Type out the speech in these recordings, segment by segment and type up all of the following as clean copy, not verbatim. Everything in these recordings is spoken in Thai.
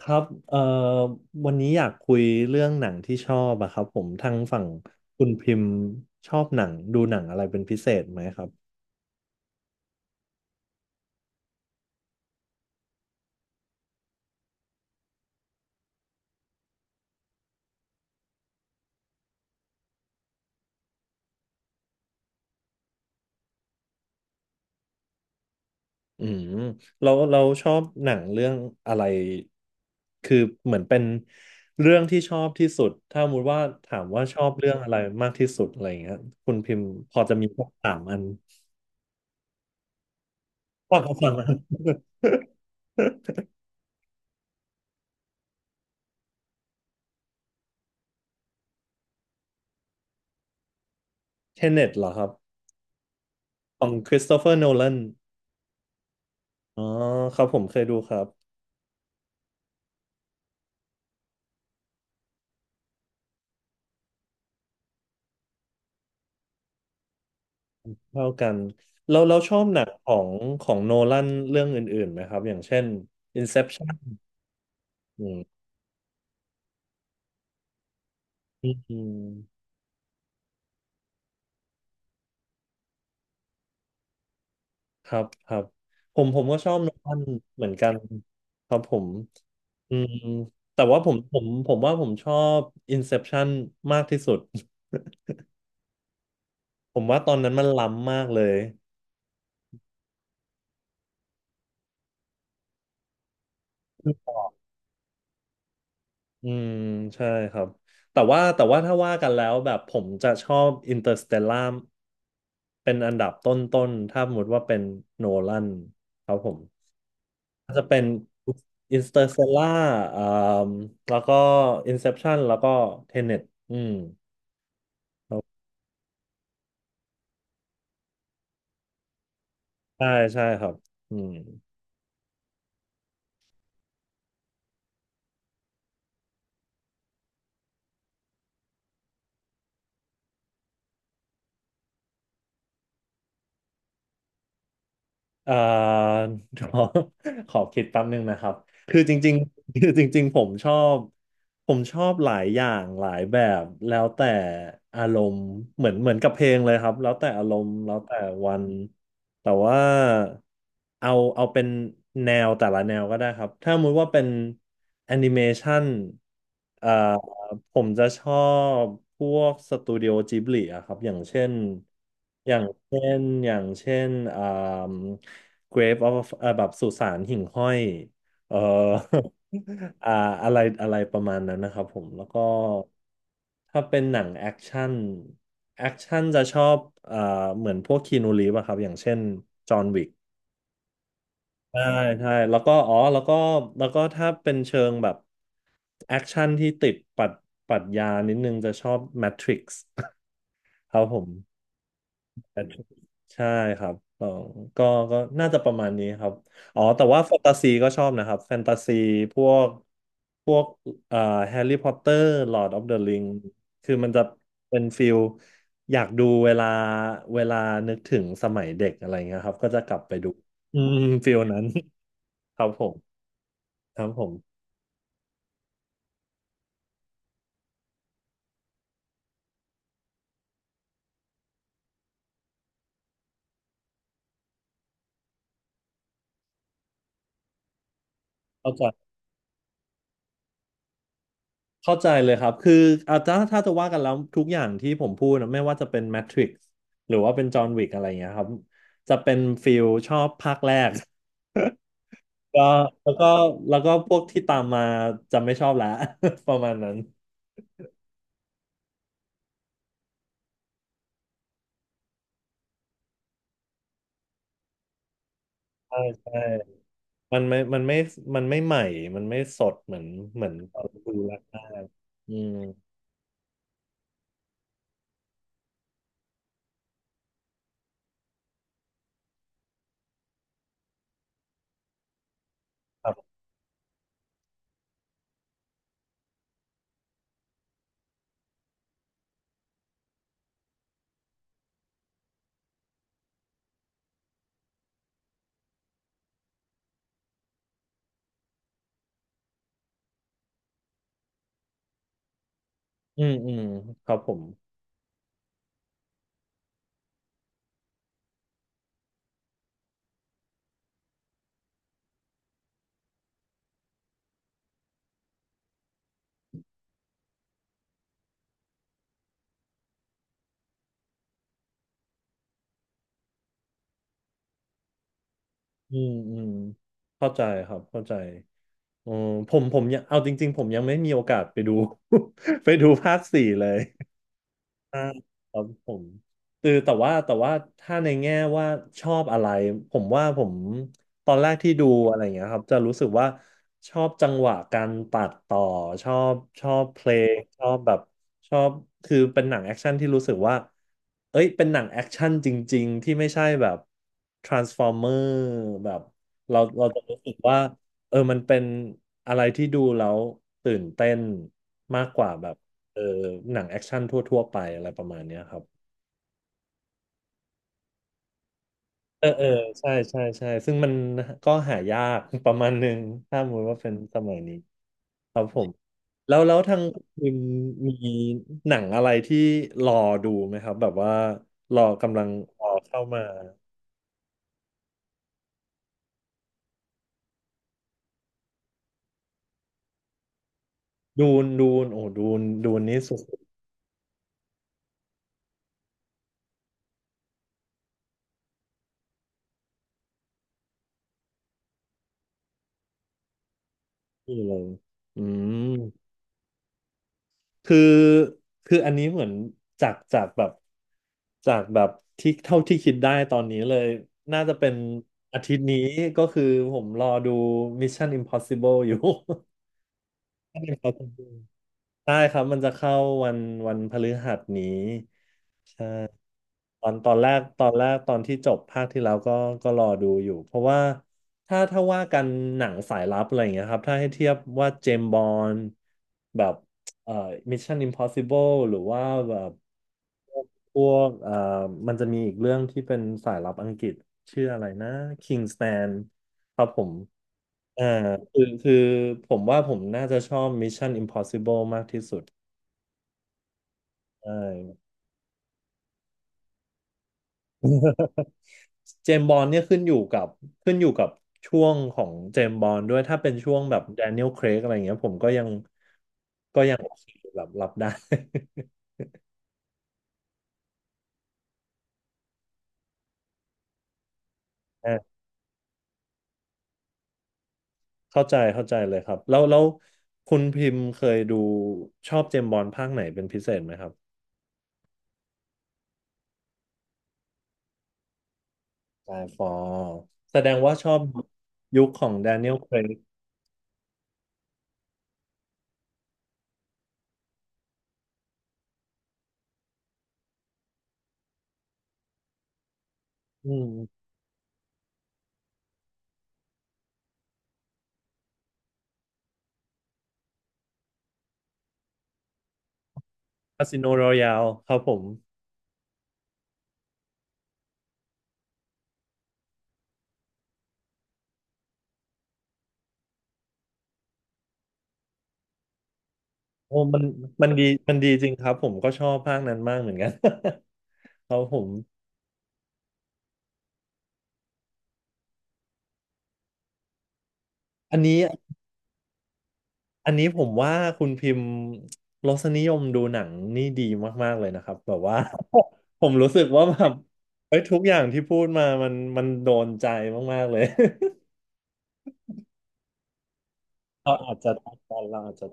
ครับวันนี้อยากคุยเรื่องหนังที่ชอบอะครับผมทางฝั่งคุณพิมพ์ชอบหนังดูหนังอะไรเป็นพิเศษไหมครับอืมเราชอบหนังเรื่องอะไรคือเหมือนเป็นเรื่องที่ชอบที่สุดถ้าสมมติว่าถามว่าชอบเรื่องอะไรมากที่สุดอะไรอย่างเงี้ยคุณพิมพ์พอจะมีสักสามอันพอจะฟังอัน เทเน็ตเหรอครับของคริสโตเฟอร์โนแลนอ๋อครับผมเคยดูครับ เท่ากันเราชอบหนังของของโนแลนเรื่องอื่นๆไหมครับอย่างเช่น Inception อืมอืมครับครับผมก็ชอบโนแลนเหมือนกันครับผมอืมแต่ว่าผมว่าผมชอบ Inception มากที่สุด ผมว่าตอนนั้นมันล้ำมากเลย อืมใช่ครับแต่ว่าถ้าว่ากันแล้วแบบผมจะชอบอินเตอร์สเตลล่าเป็นอันดับต้นๆถ้าสมมติว่าเป็นโนแลนครับผมอินเตอร์สเตลล่าอ่าแล้วก็อินเซปชันแล้วก็เทเน็ตอืมใช่ใช่ครับอืม เอ่อ ขอขอคิดแป๊บนึงนะครับคือจริงๆ คือจริงๆผมชอบหลายอย่างหลายแบบแล้วแต่อารมณ์เหมือนกับเพลงเลยครับแล้วแต่อารมณ์แล้วแต่วัน แต่ว่าเอาเอาเป็นแนวแต่ละแนวก็ได้ครับถ้าสมมติว่าเป็นแอนิเมชันเอ่อผมจะชอบพวกสตูดิโอจิบลิอะครับอย่างเช่นอย่างเช่นอย่างเช่นอ่า Grave of แบบสุสานหิ่งห้อย เอ่อ อ่าอะไรอะไรประมาณนั้นนะครับผม แล้วก็ถ้าเป็นหนังแอคชั่นจะชอบเอ่อเหมือนพวกคีนูรีฟอะครับ อย่างเช่นจอห์นวิกใช่ใช่แล้วก็อ๋อแล้วก็ถ้าเป็นเชิงแบบแอคชั่นที่ติดปรัดปรัชญานิดนึงจะชอบ Matrix ครับผม ใช่ครับเออก็ก็น่าจะประมาณนี้ครับ อ๋อแต่ว่าแฟนตาซีก็ชอบนะครับ แฟนตาซีพวกพวกเอ่อแฮร์รี่พอตเตอร์ลอร์ดออฟเดอะริงคือมันจะเป็นฟิลอยากดูเวลาเวลานึกถึงสมัยเด็กอะไรเงี้ยครับ ก็จะกลับไปดูอืมฟิลนั้น ครับผม ครับผมเข้าใจ เข้าใจเลยครับคืออาถ้าจะว่ากันแล้วทุกอย่างที่ผมพูดนะไม่ว่าจะเป็นแมทริกซ์หรือว่าเป็นจอห์นวิกอะไรอย่างเงี้ยครับจะเป็นฟิลชอบภาคแรก ก็แล้วก็แล้วก็พวกที่ตามมาจะไม่ชอบแล้ว ประมาณนั้นใช่ใช่มันไม่มันไม่มันไม่ใหม่มันไม่สดเหมือนตอนดูแรกๆอืมครับอืมอืมครับผมอืมอืมเข้าใจครับเข้าใจ อืมผมยังเอาจริงๆผมยังไม่มีโอกาสไปดู ไปดูภาคสี่เลย อ่าครับผมคือแต่ว่าถ้าในแง่ว่าชอบอะไรผมว่าผมตอนแรกที่ดูอะไรอย่างเงี้ยครับจะรู้สึกว่าชอบจังหวะการตัดต่อชอบเพลงชอบแบบชอบคือเป็นหนังแอคชั่นที่รู้สึกว่าเอ้ยเป็นหนังแอคชั่นจริงๆที่ไม่ใช่แบบ Transformer แบบเราจะรู้สึกว่าเออมันเป็นอะไรที่ดูแล้วตื่นเต้นมากกว่าแบบ เออหนังแอคชั่นทั่วๆไปอะไรประมาณเนี้ยครับเออเออใช่ใช่ใช่ซึ่งมันก็หายาก ประมาณหนึ่งถ้าสมมติว่าเป็นสมัยนี้ครับผมแล้วทางคุณมีหนังอะไรที่รอดูไหมครับแบบว่ารอกำลังรอเข้ามาดูนโอ้ดูนนี้สุดที่เลยอืม คือคืออันนี้เหมือนจากจากแบบจากแบบที่เท่าที่คิดได้ตอนนี้เลยน่าจะเป็นอาทิตย์นี้ก็คือผมรอดู Mission Impossible อยู่ Mission Impossible ได้ครับมันจะเข้าวันวันพฤหัสนี้ใช่ตอนแรกตอนที่จบภาคที่แล้วก็รอดูอยู่เพราะว่าถ้าว่ากันหนังสายลับอะไรอย่างเงี้ยครับถ้าให้เทียบว่าเจมส์บอนด์แบบเอ่อ Mission Impossible หรือว่าแบบพวกมันจะมีอีกเรื่องที่เป็นสายลับอังกฤษชื่ออะไรนะ Kingsman ครับผมอ่าคือผมว่าผมน่าจะชอบ Mission Impossible มากที่สุดใช่เจมส์บอนด์เนี่ยขึ้นอยู่กับช่วงของเจมส์บอนด์ด้วยถ้าเป็นช่วงแบบแดเนียล r a i รกอะไรเงี้ยผมก็ยังโอเคแบบรับได้ อ่าเข้าใจเลยครับแล้วคุณพิมพ์เคยดูชอบเจมส์บอนด์ภาคไหนเป็นพิเศษไหมครับไดฟอลแสดงว่าชอบยุคของแดเนียล r a i รกอืมคาสิโนรอยัลครับผม โอ้มันมันดีมันดีจริงครับผมก็ชอบภาคนั้นมากเหมือนกัน ครับผมอันนี้อันนี้ผมว่าคุณพิมพ์รสนิยมดูหนังนี่ดีมากๆเลยนะครับแบบว่า ผมรู้สึกว่าแบบเฮ้ยทุกอย่างที่พูดมามันโดนใจมากๆเลย เราอาจจะตอนเราอาจจะ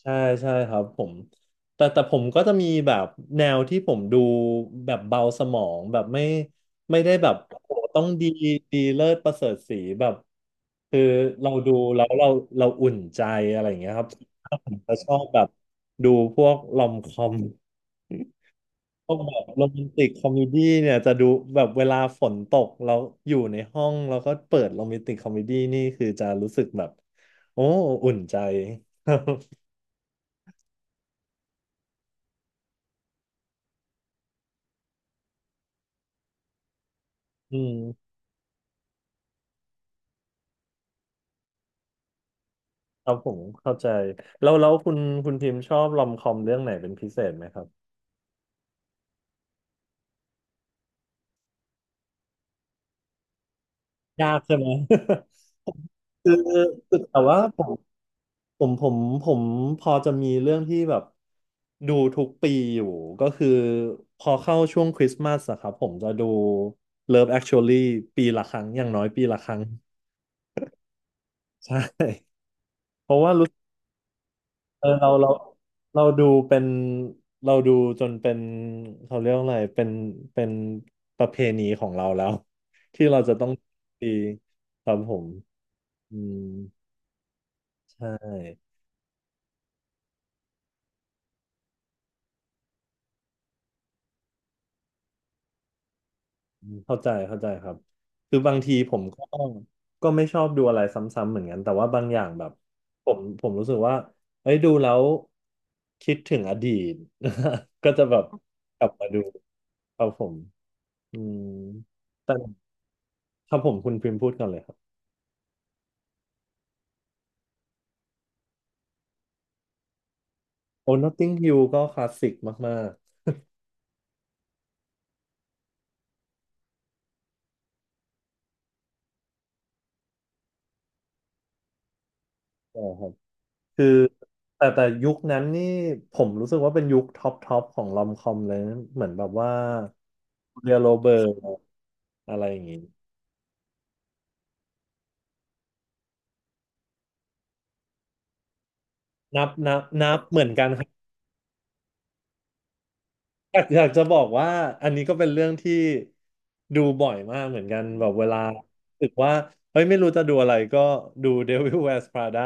ใช่ใช่ครับผมแต่ผมก็จะมีแบบแนวที่ผมดูแบบเบาสมองแบบไม่ได้แบบโอ้โหต้องดีดีเลิศประเสริฐศรีแบบคือเราดูแล้วเราอุ่นใจอะไรอย่างเงี้ยครับผมจะชอบแบบดูพวกลอมคอมพวกแบบโรแมนติกคอมเมดี้เนี่ยจะดูแบบเวลาฝนตกแล้วอยู่ในห้องแล้วก็เปิดโรแมนติกคอมเมดี้นี่คือจะรู้สึกแบบโอ้อุ่นใจ อืม ครับผมเข้าใจแล้วคุณพิมพ์ชอบรอมคอมเรื่องไหนเป็นพิเศษไหมครับยากใช่ไหม คือคือแต่ว่าผมผมผมพอจะมีเรื่องที่แบบดูทุกปีอยู่ก็คือพอเข้าช่วงคริสต์มาสอะครับผมจะดู Love Actually ปีละครั้งอย่างน้อยปีละครั้ง ใช่ เพราะว่า เออเราเราดูเป็นเราดูจนเป็นเขาเรียกว่าอะไรเป็นประเพณีของเราแล้ว ที่เราจะต้องตีครับผมอืมใช่อืมเข้าใจครับคือบางทีผมก็ไม่ชอบดูอะไรซ้ำๆเหมือนกันแต่ว่าบางอย่างแบบผมรู้สึกว่าเอ้ยดูแล้วคิดถึงอดีต ก็จะแบบกลับมาดูครับผมอืมแต่ครับผมคุณพิมพ์พูดก่อนเลย โอ้ Notting Hill ก็คลาสสิกมากๆใช่ครับคือแต่ยุคนั้นนี่ผมรู้สึกว่าเป็นยุคท็อปของลอมคอมเลยนะเหมือนแบบว่าเรียโรเบิร์ตอะไรอย่างงี้นับนับเหมือนกันครับ อยากจะบอกว่าอันนี้ก็เป็นเรื่องที่ดูบ่อยมากเหมือนกันแบบเวลารู้สึกว่าเฮ้ยไม่รู้จะดูอะไรก็ดู Devil Wears Prada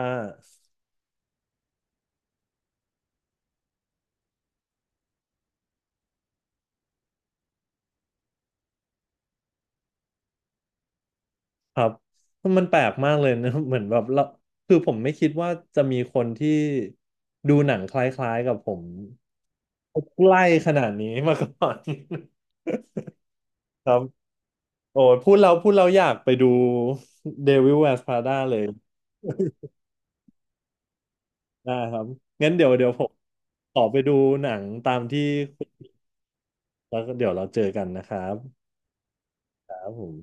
ครับมันแปลกมากเลยนะ เหมือนแบบเราคือผมไม่คิดว่าจะมีคนที่ดูหนังคล้ายๆกับผมใกล้ขนาดนี้มาก่อน ครับโอ้ยพูดเราอยากไปดู Devil Wears Prada เลยได้ครับงั้นเดี๋ยวผมขอไปดูหนังตามที่คุณแล้วก็เดี๋ยวเราเจอกันนะครับครับผม